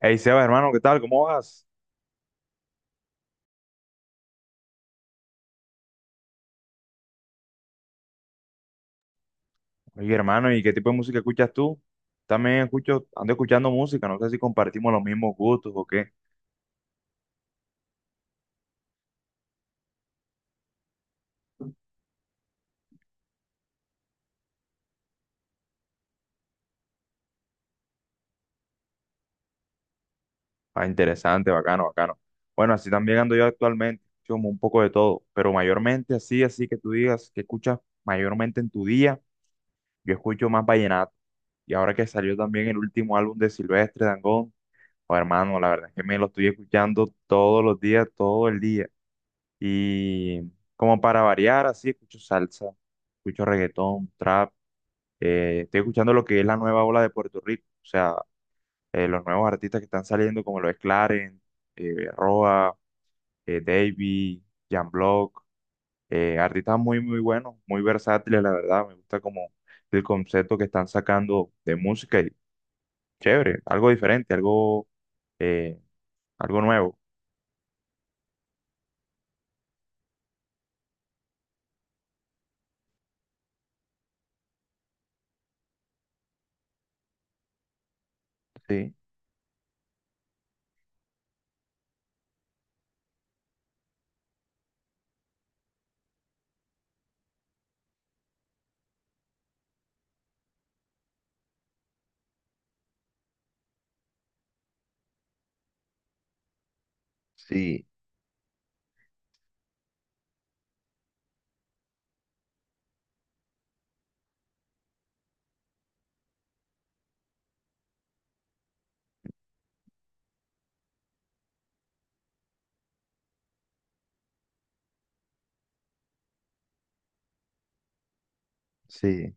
Hey Sebas, hermano, ¿qué tal? ¿Cómo vas? Oye, hermano, ¿y qué tipo de música escuchas tú? También escucho, ando escuchando música, no sé si compartimos los mismos gustos o qué. Ah, interesante, bacano, bacano. Bueno, así también ando yo actualmente, escucho como un poco de todo, pero mayormente así, así que tú digas que escuchas mayormente en tu día, yo escucho más vallenato. Y ahora que salió también el último álbum de Silvestre Dangond, oh, hermano, la verdad es que me lo estoy escuchando todos los días, todo el día. Y como para variar, así escucho salsa, escucho reggaetón, trap. Estoy escuchando lo que es la nueva ola de Puerto Rico, o sea, los nuevos artistas que están saliendo, como lo es Clarence, Roa, Davy, Jan Block, artistas muy, muy buenos, muy versátiles, la verdad. Me gusta como el concepto que están sacando de música y chévere, algo diferente, algo, eh, algo nuevo. Sí. Sí, sí,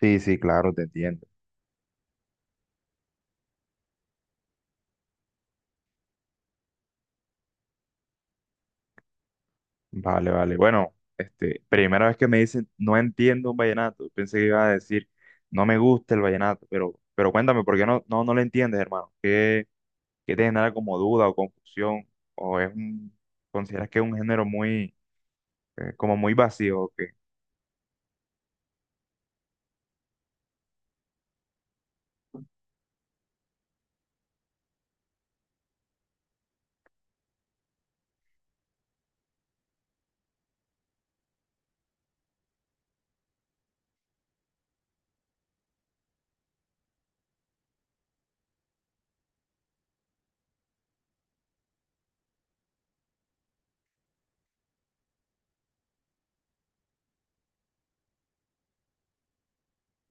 sí, sí, claro, te entiendo. Vale, vale. Bueno, este, primera vez que me dicen no entiendo un vallenato. Pensé que iba a decir no me gusta el vallenato, pero cuéntame, ¿por qué no lo entiendes, hermano? ¿Qué, qué te genera como duda o confusión? ¿O es un, consideras que es un género muy, como muy vacío? ¿O qué?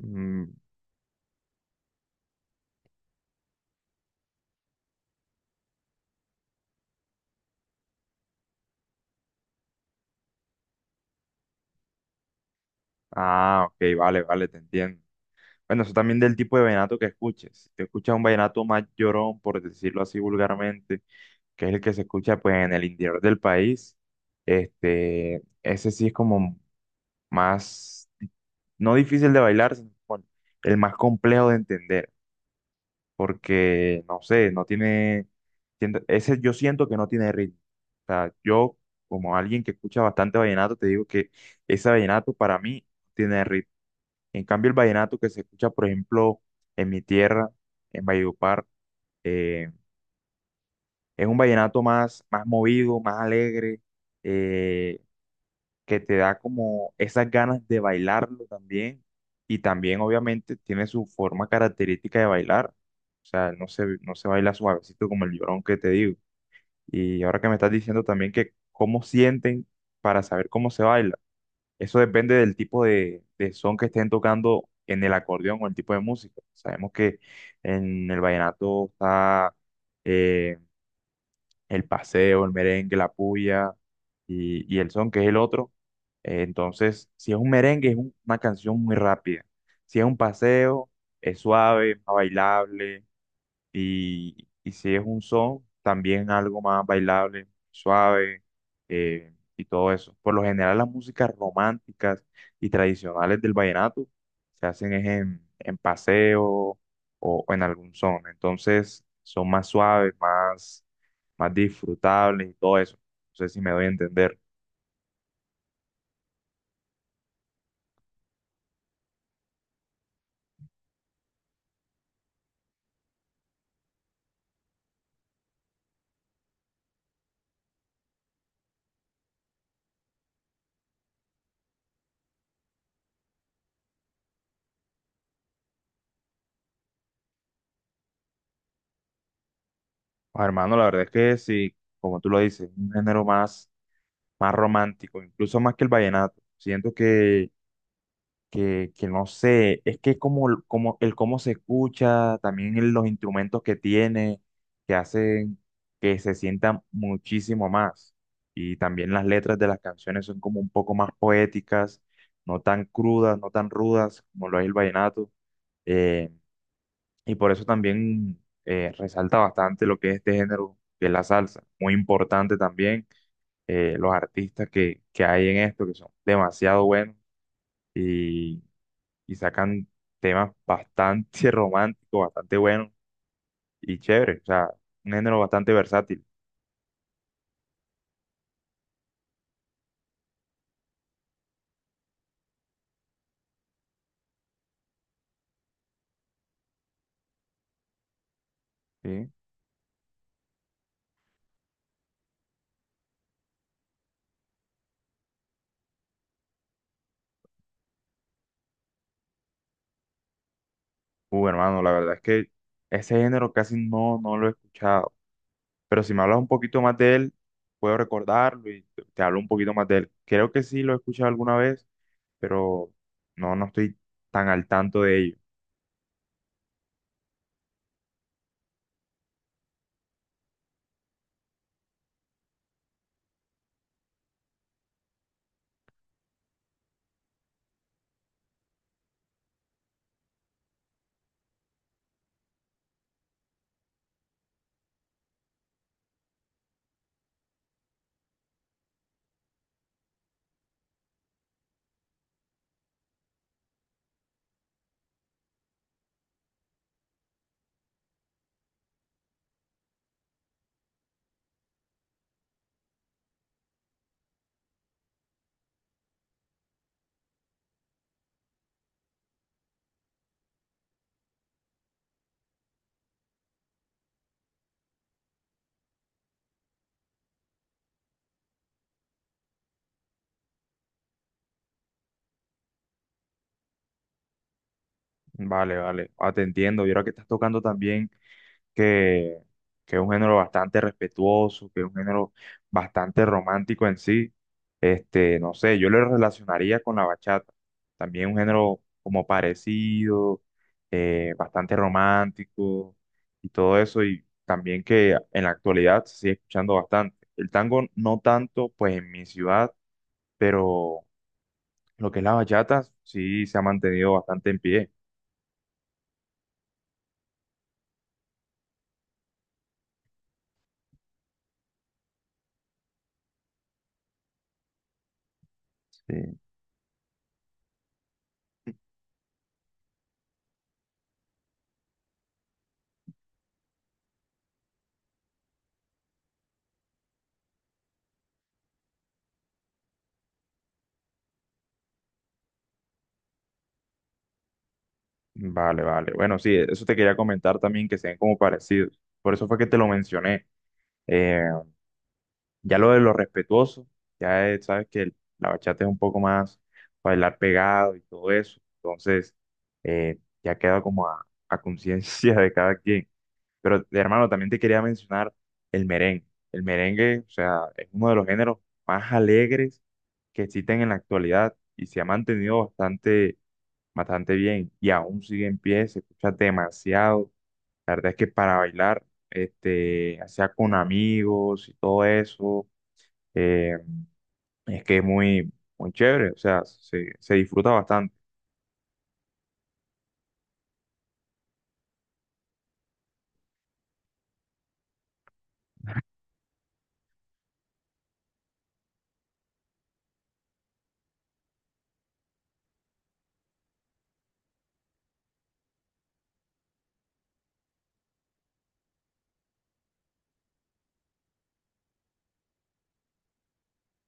Mm. Ah, ok, vale, vale, te entiendo. Bueno, eso también del tipo de vallenato que escuches. Si te escuchas un vallenato más llorón, por decirlo así vulgarmente, que es el que se escucha pues en el interior del país. Este, ese sí es como más, no difícil de bailar, sino bueno, el más complejo de entender, porque no sé, no tiene, ese yo siento que no tiene ritmo. O sea, yo como alguien que escucha bastante vallenato, te digo que ese vallenato para mí tiene ritmo. En cambio, el vallenato que se escucha, por ejemplo, en mi tierra, en Valledupar, eh, es un vallenato más, más movido, más alegre. eh, que te da como esas ganas de bailarlo también y también obviamente tiene su forma característica de bailar, o sea, no se baila suavecito como el llorón que te digo. Y ahora que me estás diciendo también que cómo sienten para saber cómo se baila, eso depende del tipo de son que estén tocando en el acordeón o el tipo de música. Sabemos que en el vallenato está... eh, el paseo, el merengue, la puya y el son, que es el otro. Entonces, si es un merengue, una canción muy rápida. Si es un paseo, es suave, más bailable. Y si es un son, también algo más bailable, suave y todo eso. Por lo general, las músicas románticas y tradicionales del vallenato se hacen es en paseo o en algún son. Entonces, son más suaves, más más disfrutables y todo eso. No sé si me doy a entender. Ah, hermano, la verdad es que sí, como tú lo dices, un género más, más romántico, incluso más que el vallenato. Siento que no sé, es que como, como el cómo se escucha, también los instrumentos que tiene, que hacen que se sienta muchísimo más. Y también las letras de las canciones son como un poco más poéticas, no tan crudas, no tan rudas como lo es el vallenato. Eh, Y por eso también resalta bastante lo que es este género, que es la salsa. Muy importante también, los artistas que hay en esto, que son demasiado buenos y, y sacan temas bastante románticos, bastante buenos y chéveres. O sea, un género bastante versátil, ¿sí? Hermano, la verdad es que ese género casi no lo he escuchado. Pero si me hablas un poquito más de él, puedo recordarlo y te hablo un poquito más de él. Creo que sí lo he escuchado alguna vez, pero no, no estoy tan al tanto de ello. Vale, vale, ah, te entiendo. Y ahora que estás tocando también que, que es un género bastante respetuoso, que es un género bastante romántico en sí, este, no sé, yo lo relacionaría con la bachata. También un género como parecido, bastante romántico y todo eso, y también que en la actualidad se sigue escuchando bastante. El tango no tanto, pues en mi ciudad, pero lo que es la bachata, sí se ha mantenido bastante en pie. Sí. Vale, vale. Bueno, sí, eso te quería comentar también, que se ven como parecidos. Por eso fue que te lo mencioné. Eh, ya lo de lo respetuoso, sabes que la bachata es un poco más bailar pegado y todo eso. Entonces, ya queda como a conciencia de cada quien. Pero hermano, también te quería mencionar el merengue. El merengue, o sea, es uno de los géneros más alegres que existen en la actualidad y se ha mantenido bastante, bastante bien y aún sigue en pie, se escucha demasiado. La verdad es que para bailar, este, ya sea con amigos y todo eso, eh, es que es muy, muy chévere, o sea, se disfruta bastante.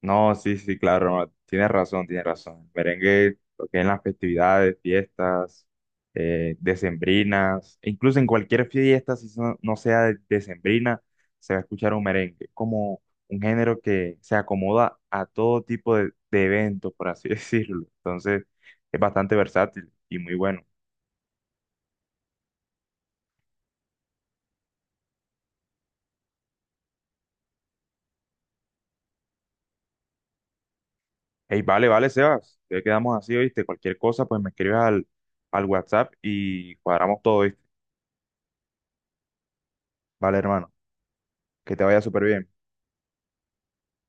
No, sí, sí, claro, tienes razón, tienes razón. Merengue, lo que es en las festividades, fiestas, decembrinas, e incluso en cualquier fiesta, no sea decembrina, se va a escuchar un merengue, como un género que se acomoda a todo tipo de eventos, por así decirlo. Entonces, es bastante versátil y muy bueno. Hey, vale, vale, Sebas, ya quedamos así, ¿oíste? Cualquier cosa, pues me escribes al, al WhatsApp y cuadramos todo, ¿oíste? Vale, hermano, que te vaya súper bien.